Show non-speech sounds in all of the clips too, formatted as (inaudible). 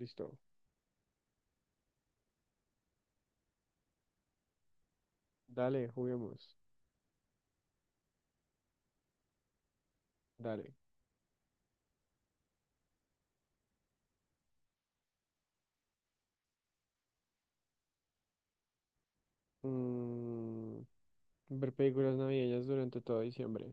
Listo. Dale, juguemos. Dale. Mm, Ver películas navideñas durante todo diciembre.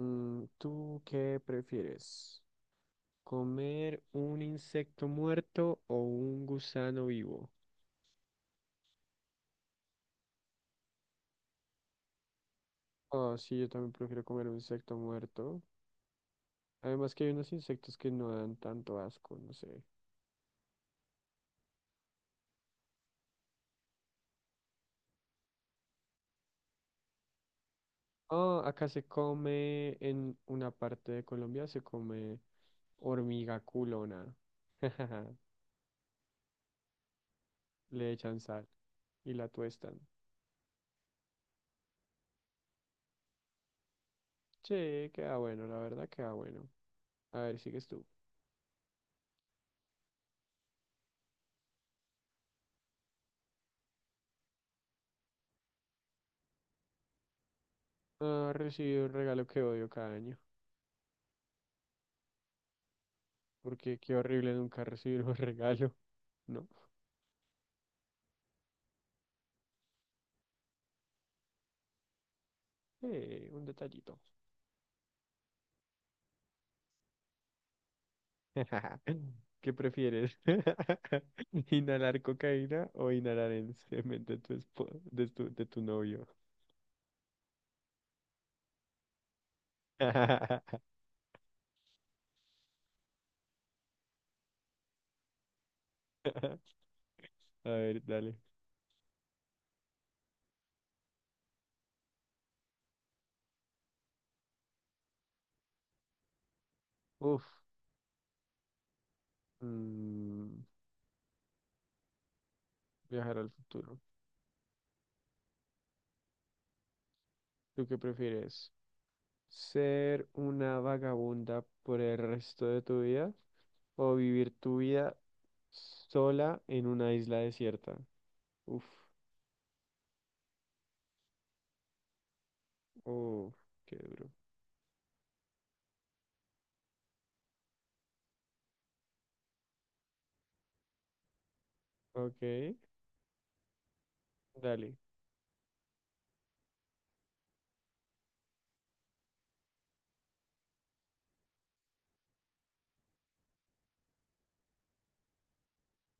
¿Tú qué prefieres? ¿Comer un insecto muerto o un gusano vivo? Ah, sí, yo también prefiero comer un insecto muerto. Además que hay unos insectos que no dan tanto asco, no sé. Ah, acá se come, en una parte de Colombia se come hormiga culona. (laughs) Le echan sal y la tuestan. Sí, queda bueno, la verdad queda bueno. A ver, sigues tú. Ah, recibí un regalo que odio cada año. Porque qué horrible nunca recibir un (laughs) regalo, ¿no? Un detallito. (laughs) ¿Qué prefieres? (laughs) ¿Inhalar cocaína o inhalar el semen de de tu novio? (laughs) A ver, dale. Uf, mm, viajar al futuro. ¿Tú qué prefieres? ¿Ser una vagabunda por el resto de tu vida o vivir tu vida sola en una isla desierta? Uf, oh, qué duro. Ok, dale.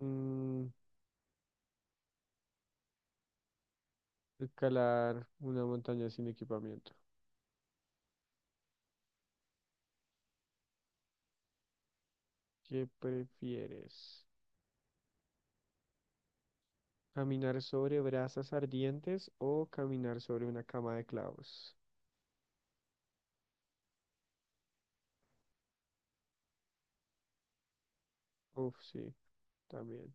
Mm, Escalar una montaña sin equipamiento. ¿Qué prefieres? ¿Caminar sobre brasas ardientes o caminar sobre una cama de clavos? Uf, sí, también.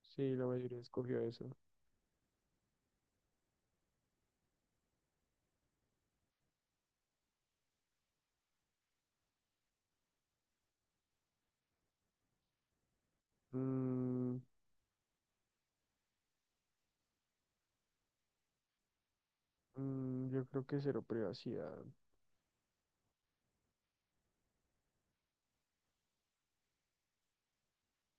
Sí, la mayoría escogió eso. Mm. Yo creo que cero privacidad.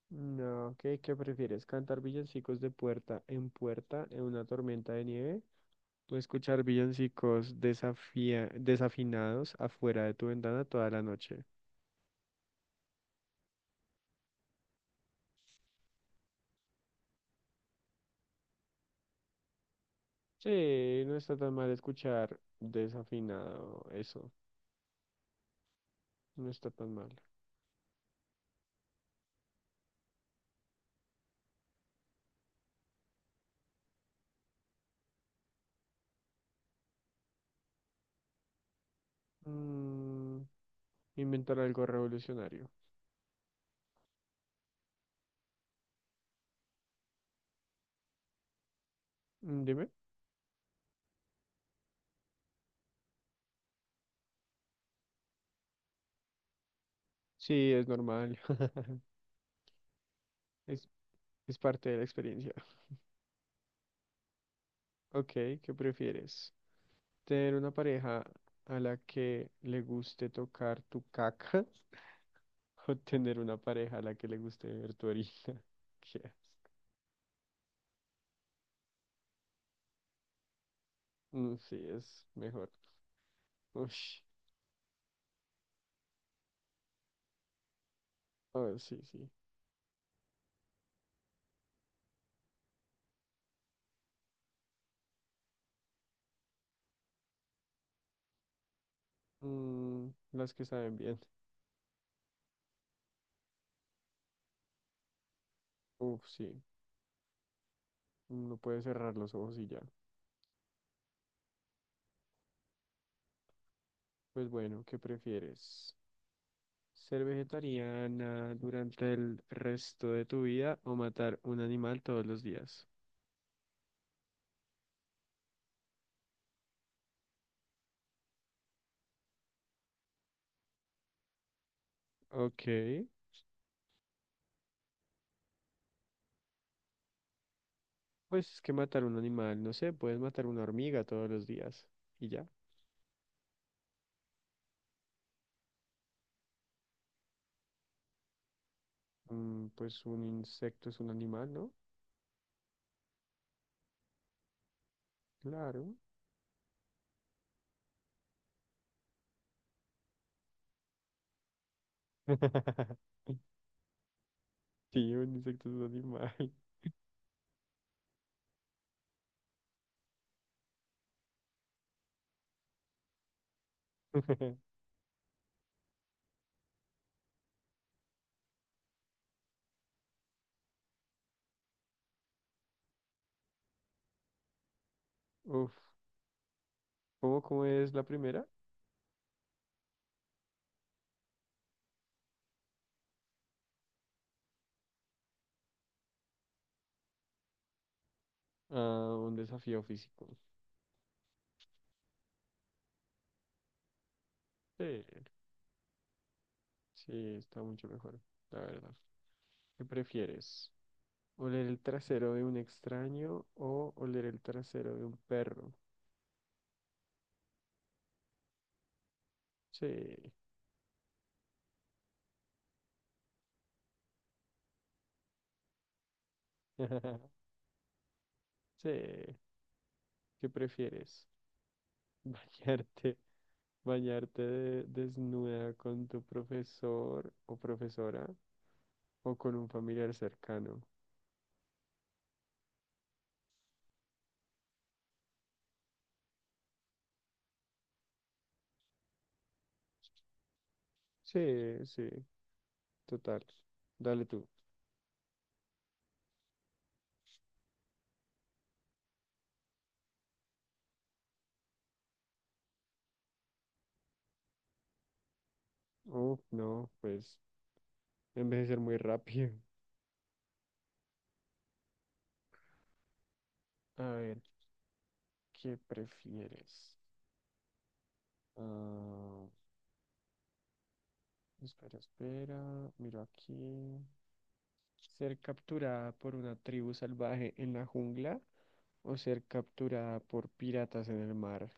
No, ¿qué prefieres? ¿Cantar villancicos de puerta en puerta en una tormenta de nieve? Puedes escuchar villancicos desafinados afuera de tu ventana toda la noche. Sí, no está tan mal escuchar desafinado eso. No está tan mal. Mm, Inventar algo revolucionario. Mm, dime. Sí, es normal. (laughs) Es, es parte de la experiencia. Ok, ¿qué prefieres? ¿Tener una pareja a la que le guste tocar tu caca (laughs) o tener una pareja a la que le guste ver tu orina? (laughs) ¿Qué? Mm, sí, es mejor. Ush, a ver, sí, sí. Las que saben bien. Uf, sí. No puedes cerrar los ojos y ya. Pues bueno, ¿qué prefieres? ¿Ser vegetariana durante el resto de tu vida o matar un animal todos los días? Ok. Pues es que matar un animal, no sé, puedes matar una hormiga todos los días y ya. Pues un insecto es un animal, ¿no? Claro. (laughs) Sí, un insecto es un animal. (laughs) Uf. ¿Cómo es la primera? Ah, un desafío físico. Sí, sí, está mucho mejor, la verdad. ¿Qué prefieres? ¿Oler el trasero de un extraño o oler el trasero de un perro? Sí. (laughs) Sí. ¿Qué prefieres? (laughs) ¿Bañarte, Desnuda con tu profesor o profesora o con un familiar cercano? Sí, sí, total. Dale tú. Oh, no, pues envejecer muy rápido. A ver, ¿qué prefieres? Ah, espera. Miro aquí. ¿Ser capturada por una tribu salvaje en la jungla o ser capturada por piratas en el mar?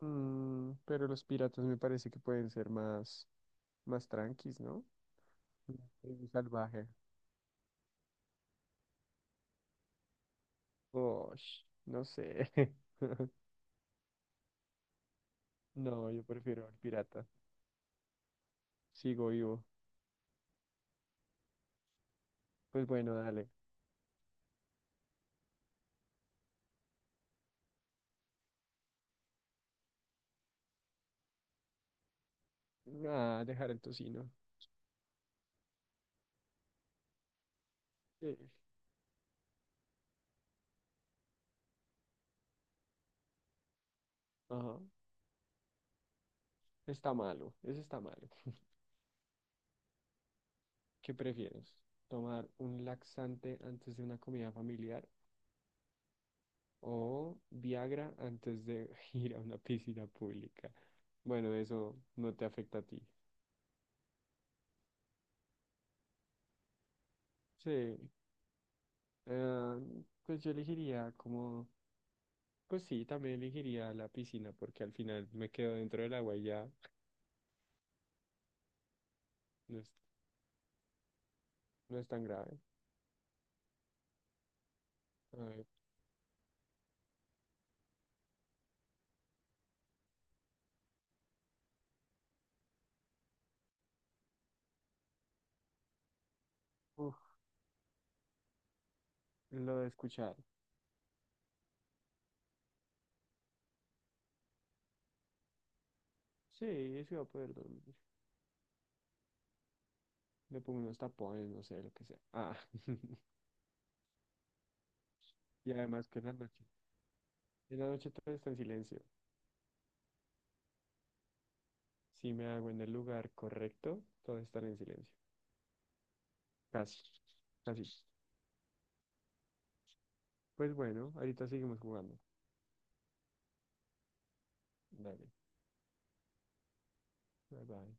Mm, pero los piratas me parece que pueden ser más tranquis, ¿no? Una tribu salvaje. Osh, no sé. (laughs) No, yo prefiero al pirata. Sigo vivo. Pues bueno, dale. Ah, dejar el tocino. Sí. Ajá. Está malo. Ese está malo. ¿Qué prefieres? ¿Tomar un laxante antes de una comida familiar o Viagra antes de (laughs) ir a una piscina pública? Bueno, eso no te afecta a ti. Sí, eh, pues yo elegiría como, pues sí, también elegiría la piscina porque al final me quedo dentro del agua y ya no no es tan grave. A ver, uf, lo de escuchar. Sí, sí, va a poder dormir. Me pongo unos tapones, no sé, lo que sea. Ah, (laughs) y además que en la noche. En la noche todo está en silencio. Si me hago en el lugar correcto, todo estará en silencio. Casi, Casi. Pues bueno, ahorita seguimos jugando. Dale, bye bye.